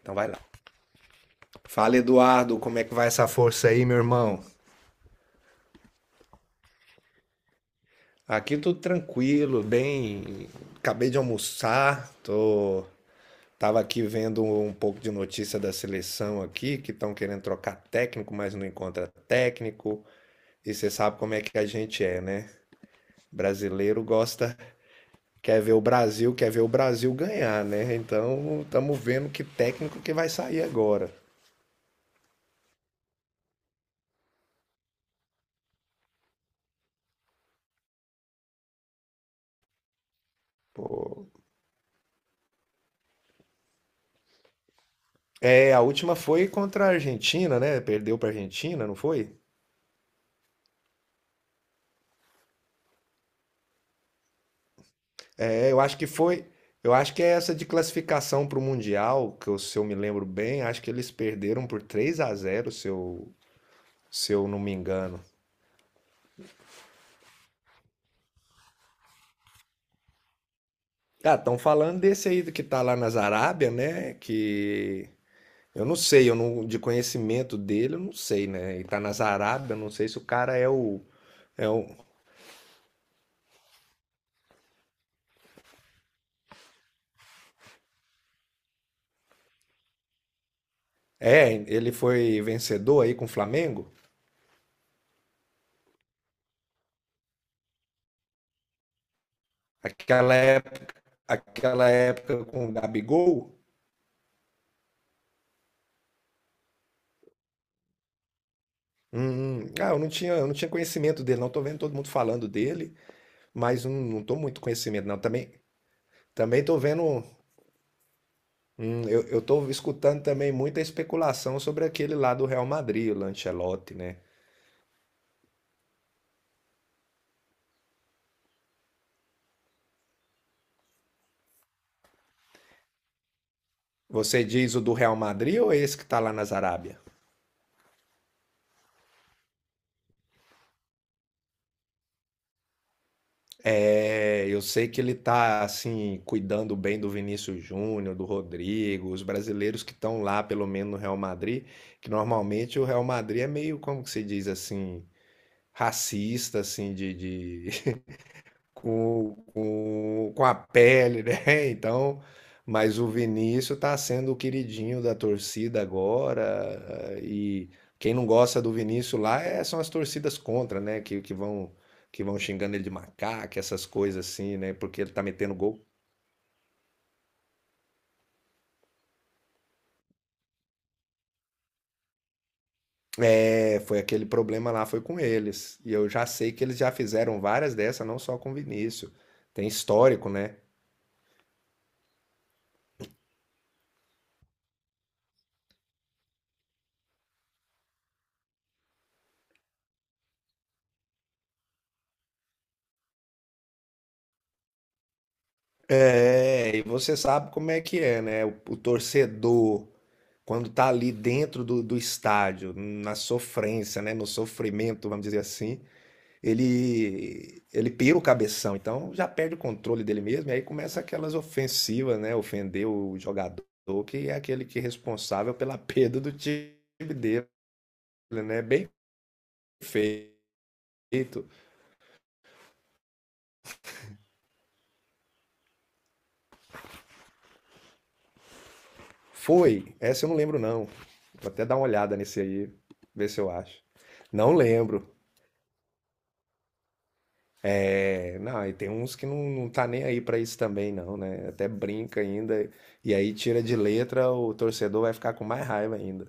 Então vai lá. Fala, Eduardo, como é que vai essa força aí, meu irmão? Aqui tudo tranquilo, bem. Acabei de almoçar, tô. Tava aqui vendo um pouco de notícia da seleção aqui, que estão querendo trocar técnico, mas não encontra técnico. E você sabe como é que a gente é, né? Brasileiro gosta, quer ver o Brasil, quer ver o Brasil ganhar, né? Então, estamos vendo que técnico que vai sair agora. Pô. É, a última foi contra a Argentina, né? Perdeu para a Argentina, não foi? É, eu acho que foi. Eu acho que é essa de classificação para o Mundial, se eu me lembro bem, acho que eles perderam por 3-0 se eu não me engano. Ah, estão falando desse aí do que tá lá nas Arábia, né? Que eu não sei, eu não, de conhecimento dele, eu não sei, né? E tá nas Arábia, eu não sei se o cara é o. É, ele foi vencedor aí com o Flamengo? Aquela época, aquela época com o Gabigol? Ah, eu não tinha conhecimento dele, não. Tô vendo todo mundo falando dele, mas não, não tô muito conhecimento, não. Também tô vendo, eu tô escutando também muita especulação sobre aquele lá do Real Madrid, o Ancelotti, né? Você diz o do Real Madrid ou é esse que tá lá na Arábia? É, eu sei que ele tá, assim, cuidando bem do Vinícius Júnior, do Rodrigo, os brasileiros que estão lá, pelo menos no Real Madrid, que normalmente o Real Madrid é meio, como que se diz assim, racista, assim, com a pele, né? Então, mas o Vinícius está sendo o queridinho da torcida agora. E quem não gosta do Vinícius lá são as torcidas contra, né? Que vão xingando ele de macaco, essas coisas assim, né? Porque ele tá metendo gol. É, foi aquele problema lá, foi com eles. E eu já sei que eles já fizeram várias dessas, não só com o Vinícius. Tem histórico, né? É, e você sabe como é que é, né? O torcedor quando tá ali dentro do, do estádio, na sofrência, né, no sofrimento, vamos dizer assim, ele pira o cabeção, então já perde o controle dele mesmo, e aí começa aquelas ofensivas, né, ofender o jogador, que é aquele que é responsável pela perda do time dele, né, bem feito. Foi, essa eu não lembro não, vou até dar uma olhada nesse aí, ver se eu acho. Não lembro. É, não, e tem uns que não, não tá nem aí pra isso também, não, né? Até brinca ainda. E aí tira de letra, o torcedor vai ficar com mais raiva ainda.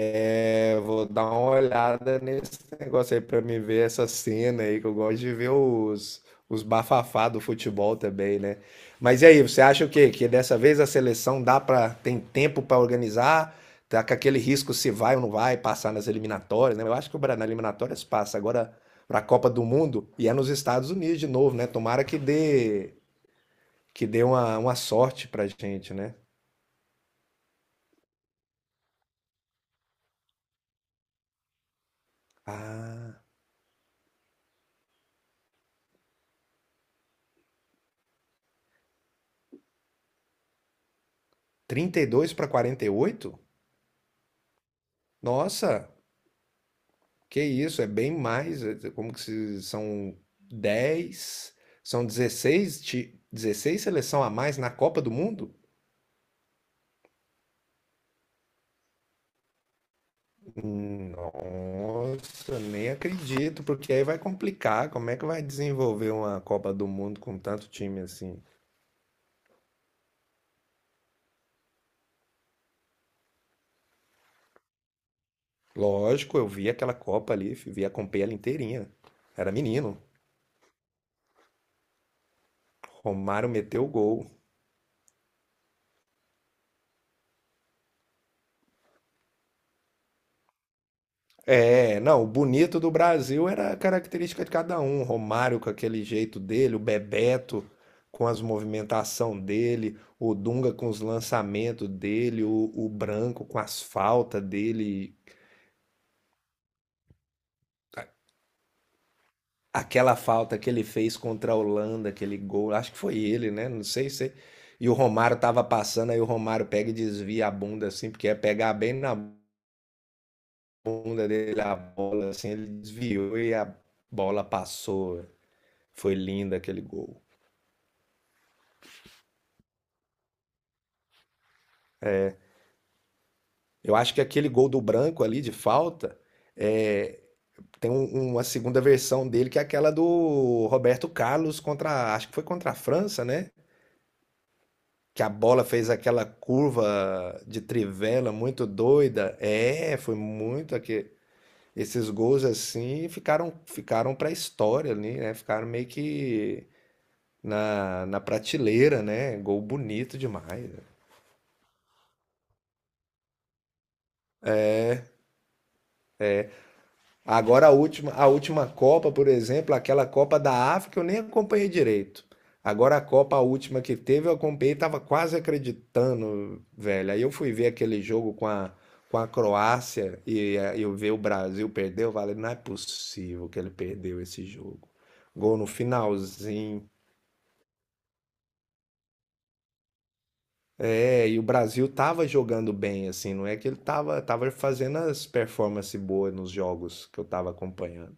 É, vou dar uma olhada nesse negócio aí pra me ver essa cena aí, que eu gosto de ver os bafafá do futebol também, né? Mas e aí, você acha o quê? Que dessa vez a seleção dá pra, tem tempo pra organizar? Tá com aquele risco se vai ou não vai passar nas eliminatórias, né? Eu acho que o Brasil nas eliminatórias passa agora pra Copa do Mundo e é nos Estados Unidos de novo, né? Tomara que dê uma sorte pra gente, né? Ah, 32 pra 48. Nossa! Que isso, é bem mais. Como que se são 10, são 16, 16 seleção a mais na Copa do Mundo? Nossa, nem acredito, porque aí vai complicar. Como é que vai desenvolver uma Copa do Mundo com tanto time assim? Lógico, eu vi aquela Copa ali, vi, acompanhei ela inteirinha. Era menino. Romário meteu o gol. É, não, o bonito do Brasil era a característica de cada um. O Romário com aquele jeito dele, o Bebeto com as movimentação dele, o Dunga com os lançamentos dele, o Branco com as faltas dele. Aquela falta que ele fez contra a Holanda, aquele gol, acho que foi ele, né? Não sei se. E o Romário tava passando, aí o Romário pega e desvia a bunda assim, porque é pegar bem na bunda dele a bola, assim, ele desviou e a bola passou. Foi lindo aquele gol. Eu acho que aquele gol do Branco ali de falta é, uma segunda versão dele que é aquela do Roberto Carlos contra, acho que foi contra a França, né? Que a bola fez aquela curva de trivela muito doida. É, foi muito aquele, esses gols assim ficaram para a história ali, né? Ficaram meio que na, na prateleira, né? Gol bonito demais. Né? Agora a última Copa, por exemplo, aquela Copa da África, eu nem acompanhei direito. Agora a Copa, a última que teve, eu acompanhei, tava quase acreditando, velho. Aí eu fui ver aquele jogo com a Croácia e eu ver o Brasil perder, eu falei, não é possível que ele perdeu esse jogo. Gol no finalzinho. É, e o Brasil tava jogando bem, assim, não é que ele tava, fazendo as performances boas nos jogos que eu tava acompanhando.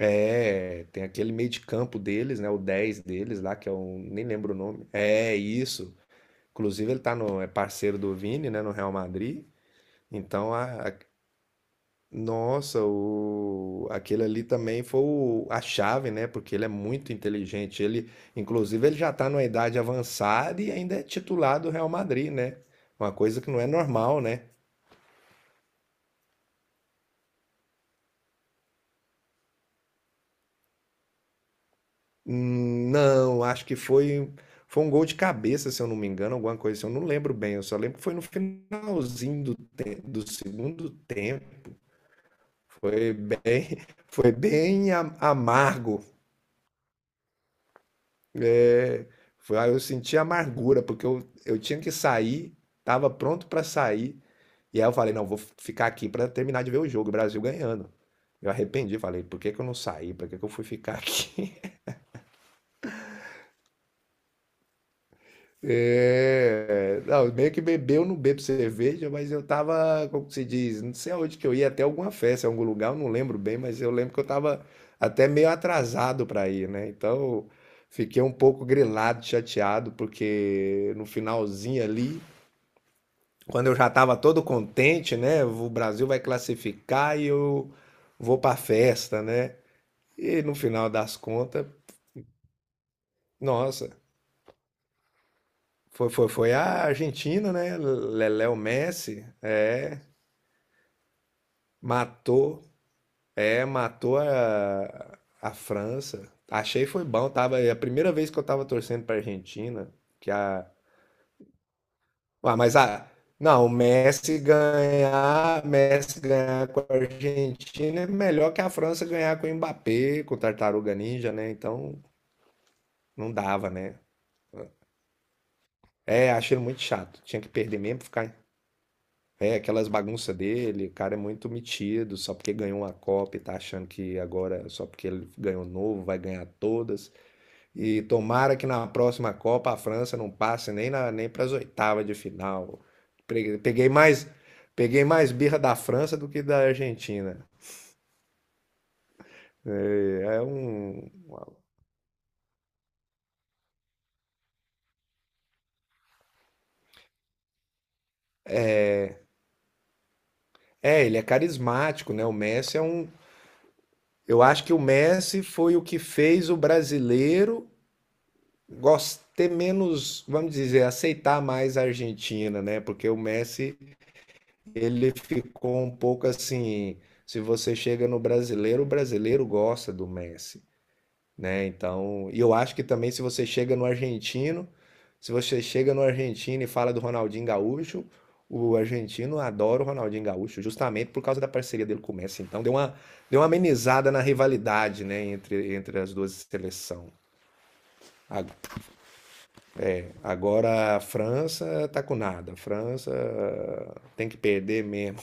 É, tem aquele meio de campo deles, né? O 10 deles lá, que é um. Nem lembro o nome. É, isso. Inclusive, ele tá no, é parceiro do Vini, né? No Real Madrid. Então, a, a- Nossa, o, aquele ali também a chave, né? Porque ele é muito inteligente. Ele, inclusive, ele já tá numa idade avançada e ainda é titular do Real Madrid, né? Uma coisa que não é normal, né? Não, acho que foi um gol de cabeça, se eu não me engano, alguma coisa assim, eu não lembro bem, eu só lembro que foi no finalzinho do segundo tempo. Foi bem foi bem a amargo. Eh, Foi aí eu senti amargura, porque eu tinha que sair, estava pronto para sair, e aí eu falei: "Não, vou ficar aqui para terminar de ver o jogo, o Brasil ganhando". Eu arrependi, falei: "Por que que eu não saí? Por que que eu fui ficar aqui?" É, não, meio que bebeu, não bebo cerveja, mas eu tava, como que se diz, não sei aonde que eu ia, até alguma festa, algum lugar, eu não lembro bem, mas eu lembro que eu tava até meio atrasado para ir, né? Então, fiquei um pouco grilado, chateado, porque no finalzinho ali, quando eu já tava todo contente, né? O Brasil vai classificar e eu vou pra festa, né? E no final das contas, nossa, foi a Argentina, né? Lelé o Messi, é. Matou, é, matou a França. Achei foi bom, tava, é a primeira vez que eu tava torcendo pra Argentina, que a, ah, mas a, não, o Messi ganhar, com a Argentina é melhor que a França ganhar com o Mbappé, com o Tartaruga Ninja, né? Então não dava, né? É, achei muito chato. Tinha que perder mesmo, aquelas bagunças dele, o cara é muito metido, só porque ganhou uma Copa e tá achando que agora, só porque ele ganhou novo, vai ganhar todas. E tomara que na próxima Copa a França não passe nem na, nem para as oitavas de final. Peguei peguei mais, peguei mais birra da França do que da Argentina. É, é um, Ele é carismático, né? O Messi é um. Eu acho que o Messi foi o que fez o brasileiro ter menos, vamos dizer, aceitar mais a Argentina, né? Porque o Messi, ele ficou um pouco assim. Se você chega no brasileiro, o brasileiro gosta do Messi. Né? Então, e eu acho que também se você chega no argentino, se você chega no argentino e fala do Ronaldinho Gaúcho, o argentino adora o Ronaldinho Gaúcho, justamente por causa da parceria dele com o Messi. Então, deu uma amenizada na rivalidade, né, entre, entre as duas seleções. A- Agora a França tá com nada. A França ah, tem que perder mesmo.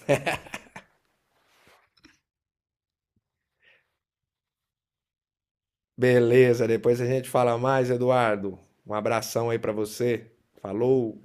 Beleza, depois a gente fala mais, Eduardo. Um abração aí pra você. Falou.